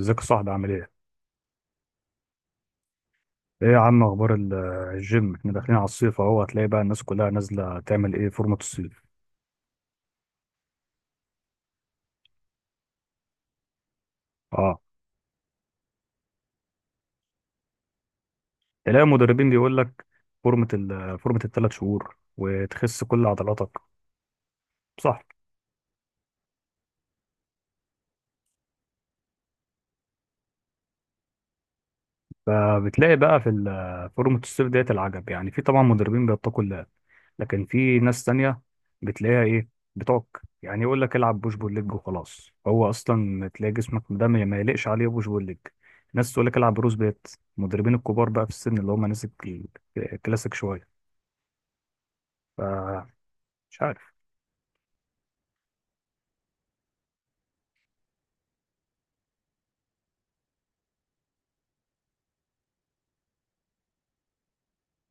ازيك يا صاحبي عامل ايه؟ ايه يا عم اخبار الجيم؟ احنا داخلين على الصيف اهو، هتلاقي بقى الناس كلها نازله تعمل ايه فورمه الصيف. اه. تلاقي المدربين بيقول لك فورمه فورمه 3 شهور وتخس كل عضلاتك. صح؟ فبتلاقي بقى في فورمه الصيف ديت العجب، يعني في طبعا مدربين بيتقوا الله، لكن في ناس تانية بتلاقيها ايه، بتعك. يعني يقول لك العب بوش بول ليج وخلاص، هو اصلا تلاقي جسمك ده ما يليقش عليه بوش بول ليج. ناس تقول لك العب بروس بيت. المدربين الكبار بقى في السن، اللي هم ناس الكلاسيك شويه. ف مش عارف.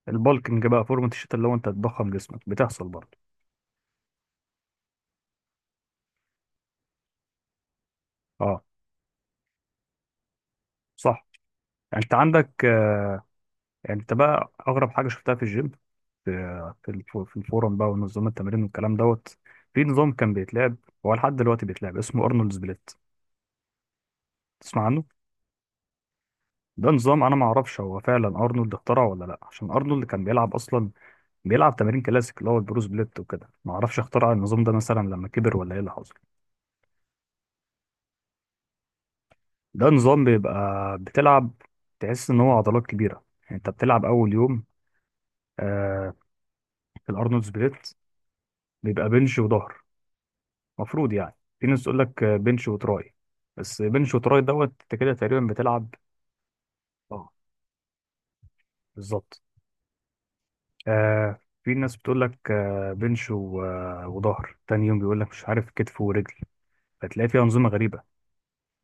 البالكنج بقى فورمة الشتاء اللي هو انت تضخم جسمك، بتحصل برضه. اه، صح. انت عندك انت بقى اغرب حاجه شفتها في الجيم، في الفورم بقى ونظام التمرين والكلام دوت. في نظام كان بيتلعب، هو لحد دلوقتي بيتلعب، اسمه ارنولد سبليت. تسمع عنه. ده نظام انا ما اعرفش هو فعلا ارنولد اخترعه ولا لا، عشان ارنولد كان بيلعب اصلا بيلعب تمارين كلاسيك اللي هو البروس بليت وكده، ما اعرفش اخترع النظام ده مثلا لما كبر ولا ايه اللي حصل. ده نظام بيبقى بتلعب، تحس ان هو عضلات كبيره. يعني انت بتلعب اول يوم آه في الارنولد سبليت بيبقى بنش وظهر. مفروض يعني، في ناس تقول لك بنش وتراي. بس بنش وتراي دوت انت كده تقريبا بتلعب. اه، بالظبط. آه في ناس بتقول لك آه بنش و- آه، وظهر تاني يوم بيقول لك مش عارف كتف ورجل، فتلاقي فيها أنظمة غريبة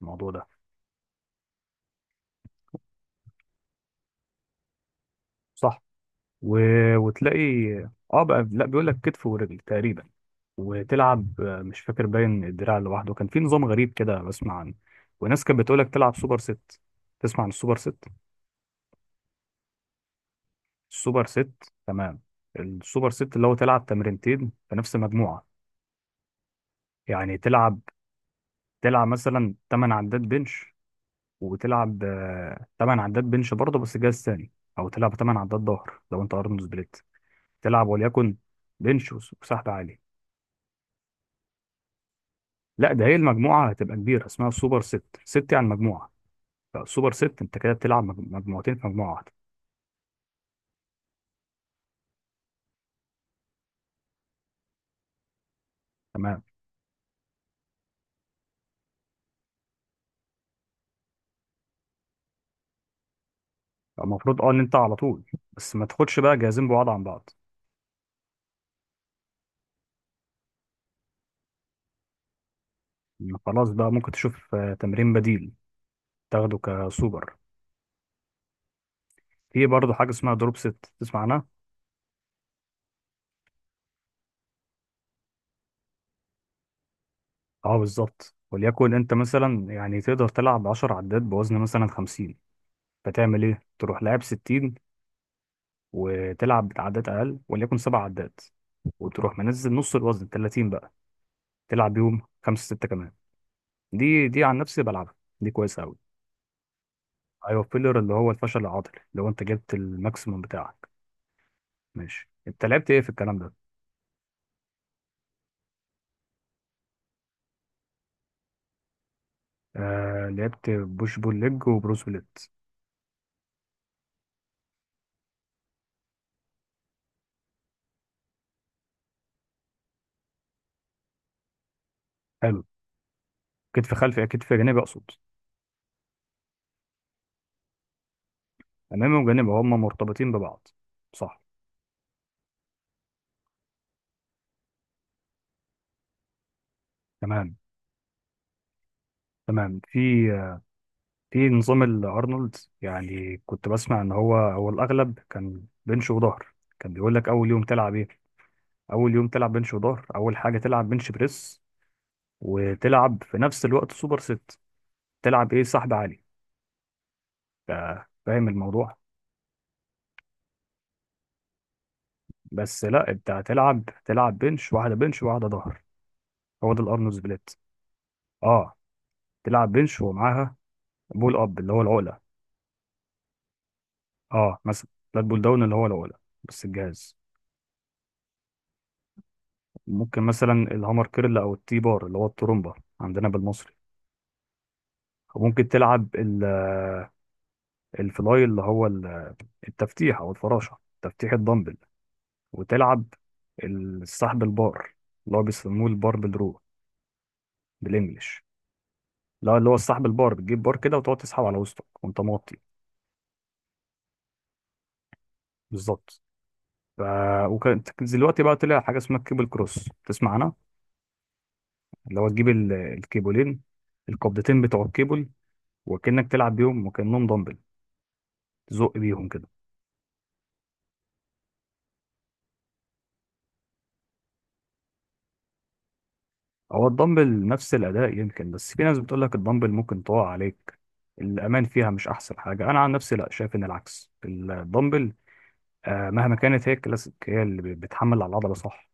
الموضوع ده. صح. و... وتلاقي، اه بقى لا، بيقول لك كتف ورجل تقريبا. وتلعب مش فاكر، باين الدراع لوحده كان في نظام غريب كده بسمع عنه. وناس كانت بتقول لك تلعب سوبر ست. تسمع عن السوبر ست. السوبر ست، تمام. السوبر ست اللي هو تلعب تمرينتين في نفس مجموعة. يعني تلعب مثلا 8 عدات بنش، وتلعب 8 عدات بنش برضه بس جهاز ثاني، او تلعب 8 عدات ظهر لو انت ارنولد سبليت. تلعب وليكن بنش وسحب عالي. لا، ده هي المجموعه هتبقى كبيره اسمها سوبر ست. ست يعني مجموعه، فسوبر ست انت كده بتلعب مجموعتين في مجموعه واحده. تمام. المفروض اه ان انت على طول، بس ما تاخدش بقى جهازين بعاد عن بعض. خلاص بقى، ممكن تشوف تمرين بديل تاخده كسوبر. في برضه حاجه اسمها دروب ست، تسمع عنها. اه، بالظبط. وليكن انت مثلا، يعني تقدر تلعب 10 عدات بوزن مثلا 50، فتعمل ايه، تروح لاعب 60 وتلعب بعدات اقل وليكن 7 عدات، وتروح منزل نص الوزن 30 بقى، تلعب يوم خمسة ستة كمان. دي عن نفسي بلعبها، دي كويسة قوي. ايوه، فيلر اللي هو الفشل العضلي اللي هو انت جبت الماكسيموم بتاعك. ماشي، انت لعبت ايه في الكلام ده. لعبت بوش بول ليج وبروس بليت. حلو. كتف جانبي اقصد، امامي وجانبي هما مرتبطين ببعض. صح. تمام، تمام. في نظام الارنولد يعني كنت بسمع ان هو الاغلب كان بنش وظهر. كان بيقول لك اول يوم تلعب ايه. اول يوم تلعب بنش وظهر، اول حاجه تلعب بنش بريس وتلعب في نفس الوقت سوبر ست، تلعب ايه، سحب عالي. ف- فاهم الموضوع. بس لا، انت تلعب بنش واحده بنش واحده ظهر، هو ده الارنولد سبليت. اه، تلعب بنش ومعاها بول اب اللي هو العقله. اه، مثلا فلات بول داون اللي هو العقله بس الجهاز. ممكن مثلا الهامر كيرل او التي بار اللي هو الترومبا عندنا بالمصري. وممكن تلعب الفلاي اللي هو التفتيح او الفراشه تفتيح الدمبل. وتلعب السحب البار اللي هو بيسموه الباربل رو بالانجلش. لا، اللي هو السحب البار، بتجيب بار كده وتقعد تسحب على وسطك وانت موطي. بالظبط. ف وكانت دلوقتي بقى طلع حاجه اسمها الكيبل كروس، تسمع عنها. اللي هو تجيب الكيبلين، القبضتين بتوع الكيبل، وكأنك تلعب بيهم وكأنهم دمبل، تزق بيهم كده. هو الدمبل نفس الأداء يمكن، بس في ناس بتقول لك الدمبل ممكن تقع عليك، الأمان فيها مش أحسن حاجة. أنا عن نفسي لا، شايف إن العكس، الدمبل مهما كانت هي الكلاسيك، هي اللي بتحمل على العضلة. صح.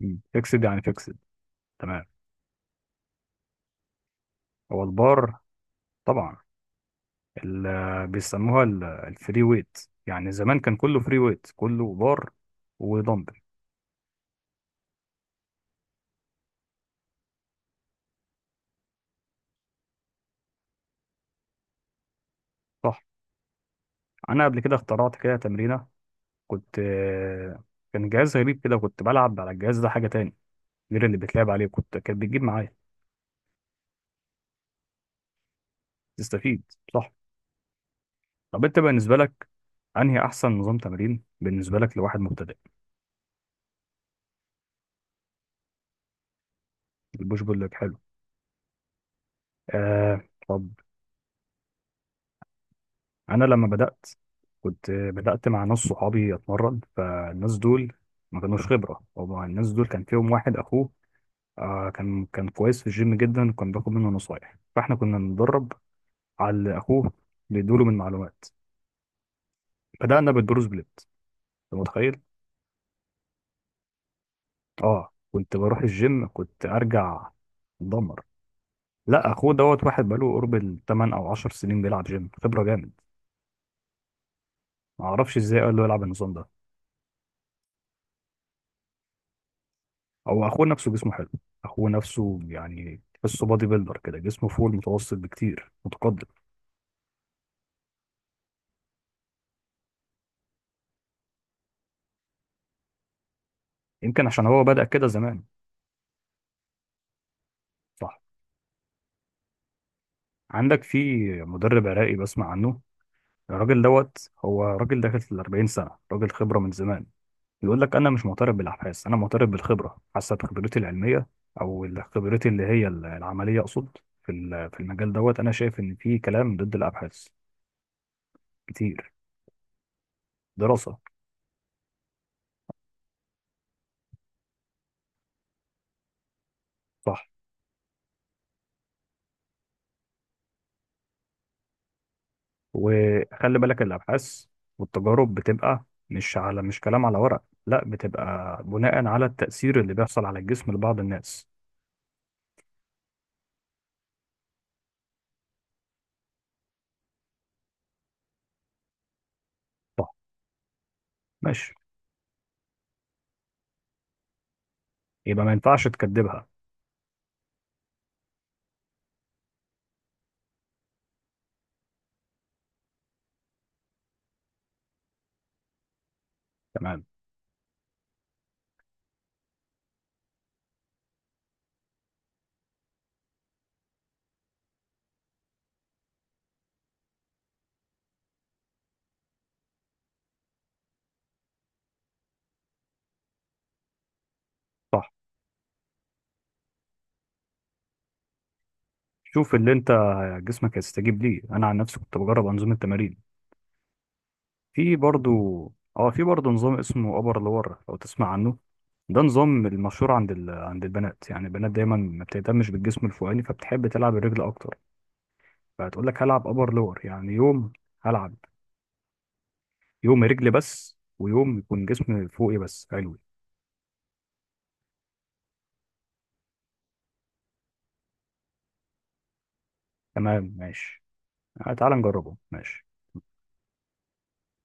مم. فيكسد يعني فيكسد، تمام. هو البار طبعا اللي بيسموها الفري ويت. يعني زمان كان كله فري ويت، كله بار ودمبل. صح. أنا قبل كده اخترعت كده تمرينة. كنت آه، كان جهاز غريب كده، كنت بلعب على الجهاز ده حاجة تاني غير اللي بتلعب عليه، كنت كانت بتجيب معايا. تستفيد. صح. طب انت بالنسبه لك، انهي احسن نظام تمرين بالنسبه لك لواحد مبتدئ؟ البوش بول لك حلو، آه. طب انا لما بدات كنت بدات مع ناس صحابي اتمرن، فالناس دول ما كانوش خبره. هو الناس دول كان فيهم واحد اخوه، كان كويس في الجيم جدا، وكان باخد منه نصايح، فاحنا كنا بنتدرب على اللي اخوه بيدوله من معلومات. بدانا بالبروس بليت، انت متخيل. اه، كنت بروح الجيم كنت ارجع اتدمر. لا، اخوه دوت واحد بقاله قرب الثمان او 10 سنين بيلعب جيم، خبره جامد. ما اعرفش ازاي قال له يلعب النظام ده. او اخوه نفسه جسمه حلو، اخوه نفسه يعني تحسه بادي بيلدر كده، جسمه فوق المتوسط بكتير، متقدم. يمكن عشان هو بدأ كده زمان. صح. عندك في مدرب عراقي بسمع عنه، الراجل دوت هو راجل داخل في ال 40 سنه، راجل خبره من زمان. يقول لك انا مش معترف بالابحاث، انا معترف بالخبره، حسب خبرتي العلميه، او خبرتي اللي هي العمليه اقصد في المجال دوت، انا شايف ان في كلام ضد الابحاث كتير. دراسه. صح. وخلي بالك الابحاث والتجارب بتبقى مش كلام على ورق، لا، بتبقى بناء على التاثير اللي بيحصل على الجسم لبعض الناس. صح. ماشي، يبقى ما ينفعش تكدبها. تمام. صح. شوف اللي انت جسمك هيستجيب ليه، انا عن نفسي كنت بجرب انظمه تمارين. في برضو اه في برضو نظام اسمه ابر لور، لو تسمع عنه. ده نظام المشهور عند البنات، يعني البنات دايما ما بتهتمش بالجسم الفوقاني فبتحب تلعب الرجل اكتر، فهتقول لك هلعب ابر لور، يعني يوم هلعب يوم رجل بس ويوم يكون جسم فوقي بس. حلو. تمام، ماشي. تعال نجربه. ماشي.